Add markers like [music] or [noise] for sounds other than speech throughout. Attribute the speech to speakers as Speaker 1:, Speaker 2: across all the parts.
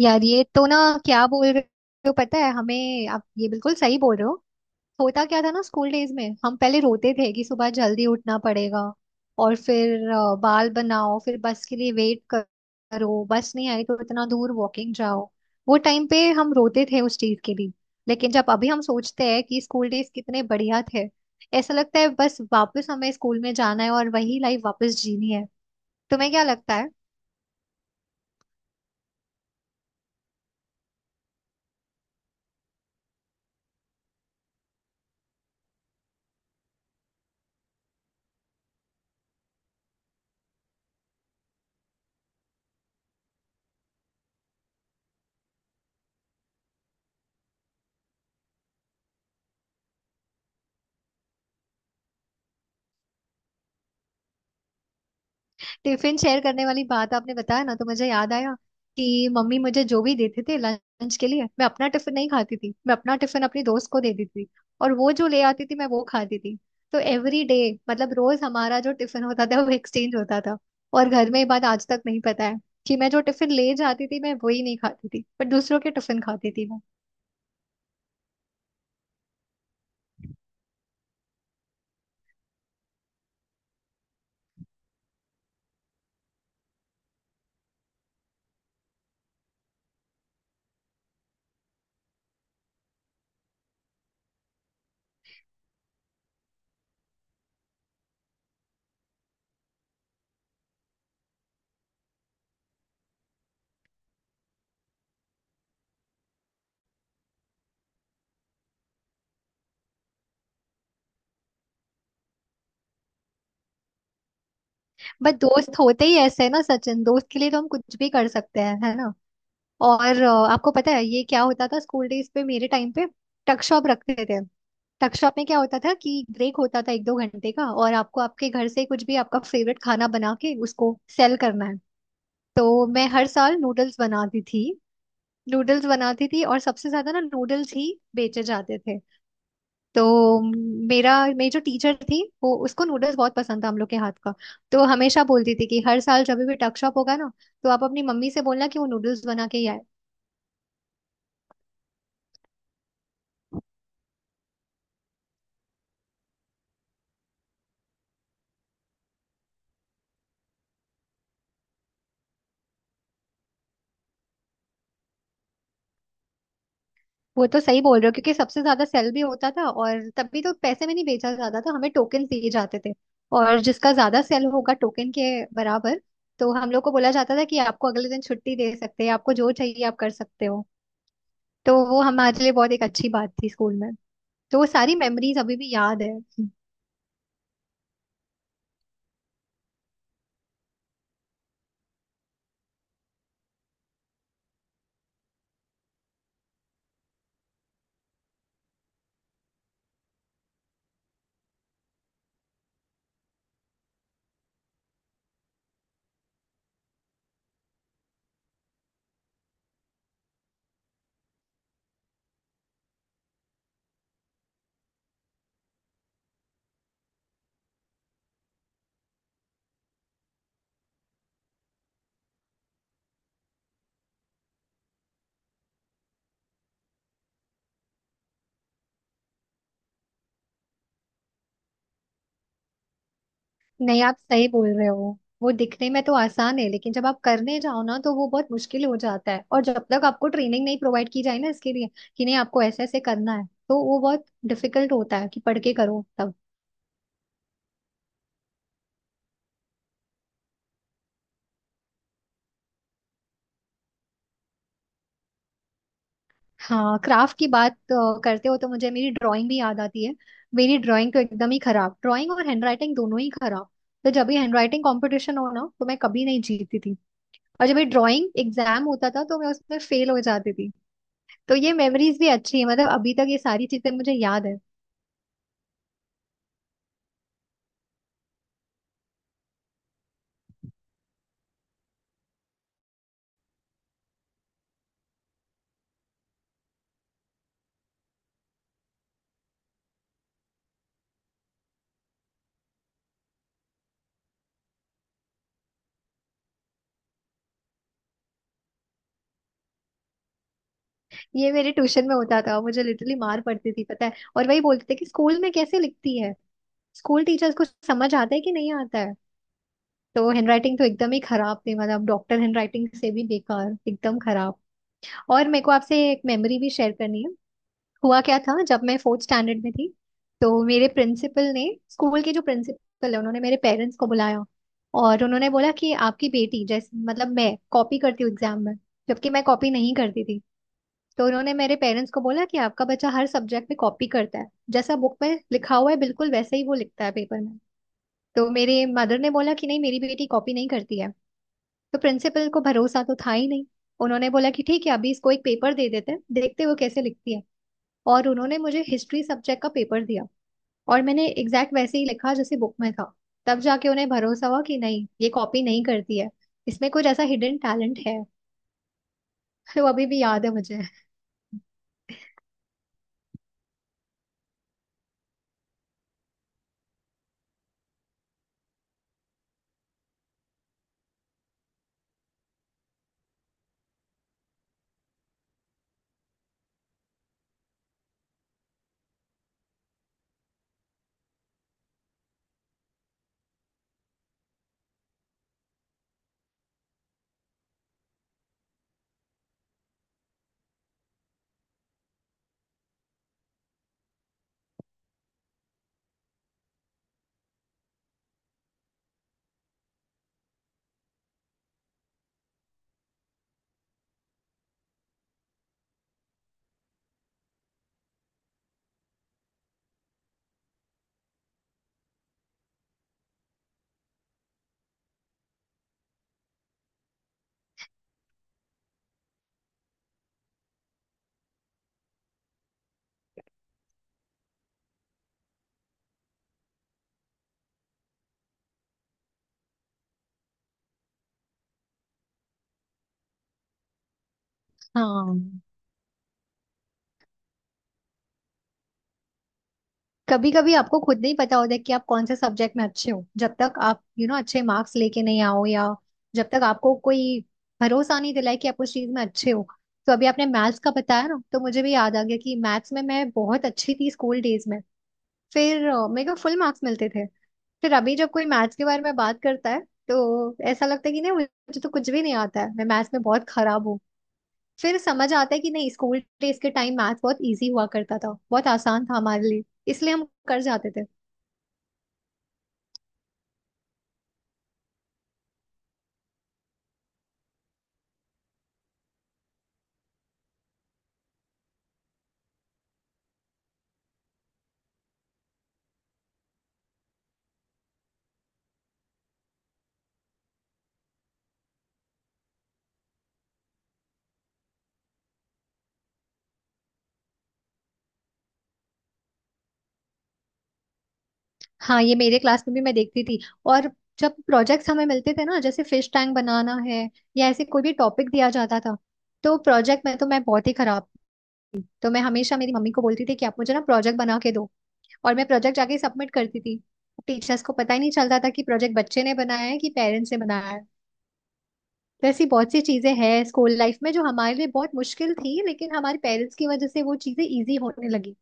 Speaker 1: यार, ये तो ना, क्या बोल रहे हो, पता है हमें। आप ये बिल्कुल सही बोल रहे हो। होता क्या था ना, स्कूल डेज में हम पहले रोते थे कि सुबह जल्दी उठना पड़ेगा। और फिर बाल बनाओ, फिर बस के लिए वेट करो, बस नहीं आई तो इतना दूर वॉकिंग जाओ। वो टाइम पे हम रोते थे उस चीज के लिए। लेकिन जब अभी हम सोचते हैं कि स्कूल डेज कितने बढ़िया थे, ऐसा लगता है बस वापस हमें स्कूल में जाना है और वही लाइफ वापस जीनी है। तुम्हें क्या लगता है? टिफिन शेयर करने वाली बात आपने बताया ना तो मुझे याद आया कि मम्मी मुझे जो भी देते थे लंच के लिए, मैं अपना टिफिन नहीं खाती थी, मैं अपना टिफिन अपनी दोस्त को देती थी, और वो जो ले आती थी मैं वो खाती थी। तो एवरी डे, मतलब रोज हमारा जो टिफिन होता था वो एक्सचेंज होता था। और घर में ये बात आज तक नहीं पता है कि मैं जो टिफिन ले जाती थी मैं वही नहीं खाती थी, पर दूसरों के टिफिन खाती थी मैं। बट दोस्त होते ही ऐसे है ना सचिन, दोस्त के लिए तो हम कुछ भी कर सकते हैं, है ना? और आपको पता है ये क्या होता था स्कूल डेज पे, मेरे टाइम पे? टक शॉप रखते थे। टक शॉप में क्या होता था कि ब्रेक होता था एक दो घंटे का और आपको आपके घर से कुछ भी आपका फेवरेट खाना बना के उसको सेल करना है। तो मैं हर साल नूडल्स बनाती थी। नूडल्स बनाती थी और सबसे ज्यादा ना नूडल्स ही बेचे जाते थे। तो मेरा मेरी जो टीचर थी, वो उसको नूडल्स बहुत पसंद था हम लोग के हाथ का। तो हमेशा बोलती थी कि हर साल जब भी टक शॉप होगा ना तो आप अपनी मम्मी से बोलना कि वो नूडल्स बना के ही आए। वो तो सही बोल रहे हो, क्योंकि सबसे ज्यादा सेल भी होता था और तभी तो पैसे में नहीं बेचा जाता था, हमें टोकन दिए जाते थे। और जिसका ज्यादा सेल होगा टोकन के बराबर, तो हम लोग को बोला जाता था कि आपको अगले दिन छुट्टी दे सकते हैं, आपको जो चाहिए आप कर सकते हो। तो वो हमारे लिए बहुत एक अच्छी बात थी स्कूल में। तो वो सारी मेमोरीज अभी भी याद है। नहीं, आप सही बोल रहे हो। वो दिखने में तो आसान है लेकिन जब आप करने जाओ ना तो वो बहुत मुश्किल हो जाता है, और जब तक आपको ट्रेनिंग नहीं प्रोवाइड की जाए ना इसके लिए कि नहीं आपको ऐसे ऐसे करना है, तो वो बहुत डिफिकल्ट होता है कि पढ़ के करो तब। हाँ, क्राफ्ट की बात करते हो तो मुझे मेरी ड्राइंग भी याद आती है। मेरी ड्राइंग तो एकदम ही खराब, ड्राइंग और हैंडराइटिंग दोनों ही खराब। तो जब भी हैंडराइटिंग कंपटीशन हो ना तो मैं कभी नहीं जीतती थी। और जब ये ड्राइंग एग्जाम होता था तो मैं उसमें फेल हो जाती थी। तो ये मेमोरीज भी अच्छी है, मतलब अभी तक ये सारी चीजें मुझे याद है। ये मेरे ट्यूशन में होता था, मुझे लिटरली मार पड़ती थी पता है, और वही बोलते थे कि स्कूल में कैसे लिखती है, स्कूल टीचर्स को समझ आता है कि नहीं आता है। तो हैंडराइटिंग तो एकदम ही खराब थी, मतलब डॉक्टर हैंडराइटिंग से भी बेकार, एकदम खराब। और मेरे को आपसे एक मेमोरी भी शेयर करनी है। हुआ क्या था, जब मैं फोर्थ स्टैंडर्ड में थी तो मेरे प्रिंसिपल ने, स्कूल के जो प्रिंसिपल है उन्होंने मेरे पेरेंट्स को बुलाया। और उन्होंने बोला कि आपकी बेटी जैसे मतलब मैं कॉपी करती हूँ एग्जाम में। जबकि मैं कॉपी नहीं करती थी। तो उन्होंने मेरे पेरेंट्स को बोला कि आपका बच्चा हर सब्जेक्ट में कॉपी करता है, जैसा बुक में लिखा हुआ है बिल्कुल वैसे ही वो लिखता है पेपर में। तो मेरे मदर ने बोला कि नहीं, मेरी बेटी कॉपी नहीं करती है। तो प्रिंसिपल को भरोसा तो था ही नहीं। उन्होंने बोला कि ठीक है, अभी इसको एक पेपर दे देते हैं, देखते हैं वो कैसे लिखती है। और उन्होंने मुझे हिस्ट्री सब्जेक्ट का पेपर दिया। और मैंने एग्जैक्ट वैसे ही लिखा जैसे बुक में था। तब जाके उन्हें भरोसा हुआ कि नहीं, ये कॉपी नहीं करती है, इसमें कुछ ऐसा हिडन टैलेंट है। [laughs] वो अभी भी याद है मुझे। हाँ, कभी कभी आपको खुद नहीं पता होता कि आप कौन से सब्जेक्ट में अच्छे हो जब तक आप यू you नो know, अच्छे मार्क्स लेके नहीं आओ, या जब तक आपको कोई भरोसा नहीं दिलाए कि आप उस चीज में अच्छे हो। तो अभी आपने मैथ्स का बताया ना तो मुझे भी याद आ गया कि मैथ्स में मैं बहुत अच्छी थी स्कूल डेज में। फिर मेरे को फुल मार्क्स मिलते थे। फिर अभी जब कोई मैथ्स के बारे में बात करता है तो ऐसा लगता है कि नहीं, मुझे तो कुछ भी नहीं आता है, मैं मैथ्स में बहुत खराब हूँ। फिर समझ आता है कि नहीं, स्कूल डेज के टाइम मैथ्स बहुत इजी हुआ करता था, बहुत आसान था हमारे लिए, इसलिए हम कर जाते थे। हाँ, ये मेरे क्लास में भी मैं देखती थी। और जब प्रोजेक्ट्स हमें मिलते थे ना, जैसे फिश टैंक बनाना है या ऐसे कोई भी टॉपिक दिया जाता था, तो प्रोजेक्ट में तो मैं बहुत ही खराब थी। तो मैं हमेशा मेरी मम्मी को बोलती थी कि आप मुझे ना प्रोजेक्ट बना के दो, और मैं प्रोजेक्ट जाके सबमिट करती थी। टीचर्स को पता ही नहीं चलता था कि प्रोजेक्ट बच्चे ने बनाया है कि पेरेंट्स ने बनाया है। तो ऐसी बहुत सी चीजें हैं स्कूल लाइफ में जो हमारे लिए बहुत मुश्किल थी, लेकिन हमारे पेरेंट्स की वजह से वो चीजें इजी होने लगी।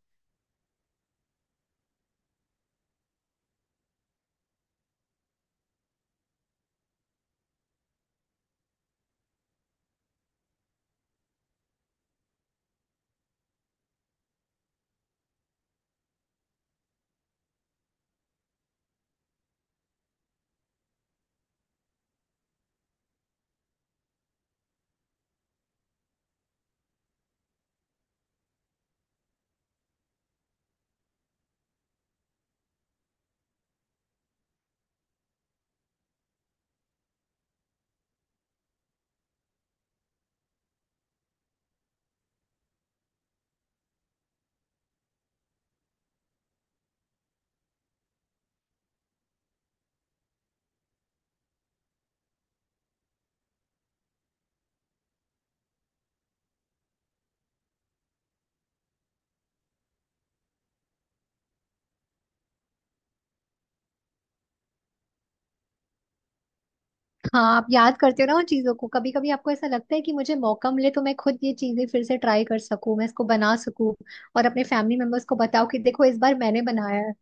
Speaker 1: हाँ, आप याद करते हो ना उन चीजों को, कभी कभी आपको ऐसा लगता है कि मुझे मौका मिले तो मैं खुद ये चीजें फिर से ट्राई कर सकूं, मैं इसको बना सकूं और अपने फैमिली मेंबर्स को बताओ कि देखो इस बार मैंने बनाया है।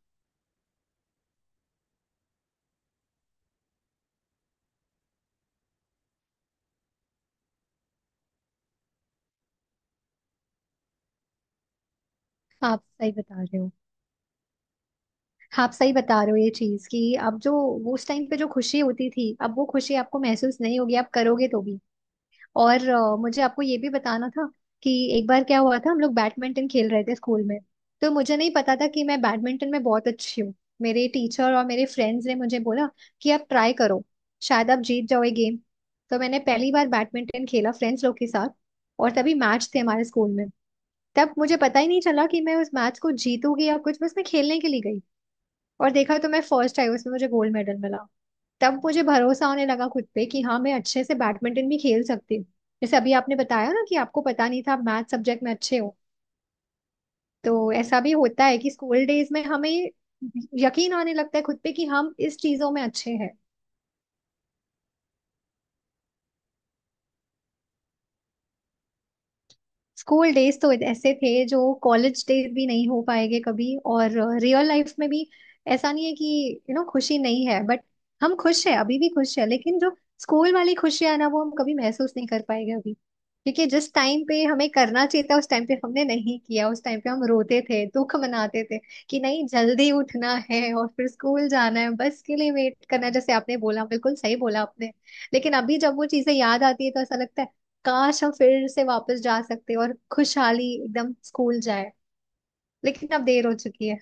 Speaker 1: आप सही बता रहे हो। आप सही बता रहे हो ये चीज कि अब जो, उस टाइम पे जो खुशी होती थी, अब वो खुशी आपको महसूस नहीं होगी आप करोगे तो भी। और मुझे आपको ये भी बताना था कि एक बार क्या हुआ था, हम लोग बैडमिंटन खेल रहे थे स्कूल में। तो मुझे नहीं पता था कि मैं बैडमिंटन में बहुत अच्छी हूँ। मेरे टीचर और मेरे फ्रेंड्स ने मुझे बोला कि आप ट्राई करो, शायद आप जीत जाओ ये गेम। तो मैंने पहली बार बैडमिंटन खेला फ्रेंड्स लोग के साथ। और तभी मैच थे हमारे स्कूल में। तब मुझे पता ही नहीं चला कि मैं उस मैच को जीतूंगी या कुछ, बस मैं खेलने के लिए गई। और देखा तो मैं फर्स्ट आई, उसमें मुझे गोल्ड मेडल मिला। तब मुझे भरोसा होने लगा खुद पे कि हाँ, मैं अच्छे से बैडमिंटन भी खेल सकती हूँ। जैसे अभी आपने बताया ना कि आपको पता नहीं था आप मैथ सब्जेक्ट में अच्छे हो, तो ऐसा भी होता है कि स्कूल डेज में हमें यकीन आने लगता है खुद पे कि हम इस चीजों में अच्छे हैं। स्कूल डेज तो ऐसे थे जो कॉलेज डेज भी नहीं हो पाएंगे कभी। और रियल लाइफ में भी ऐसा नहीं है कि यू नो खुशी नहीं है, बट हम खुश है, अभी भी खुश है, लेकिन जो स्कूल वाली खुशियां है ना, वो हम कभी महसूस नहीं कर पाएंगे अभी। क्योंकि जिस टाइम पे हमें करना चाहिए था उस टाइम पे हमने नहीं किया, उस टाइम पे हम रोते थे, दुख मनाते थे कि नहीं जल्दी उठना है और फिर स्कूल जाना है, बस के लिए वेट करना है। जैसे आपने बोला, बिल्कुल सही बोला आपने। लेकिन अभी जब वो चीजें याद आती है तो ऐसा लगता है काश हम फिर से वापस जा सकते और खुशहाली एकदम स्कूल जाए। लेकिन अब देर हो चुकी है।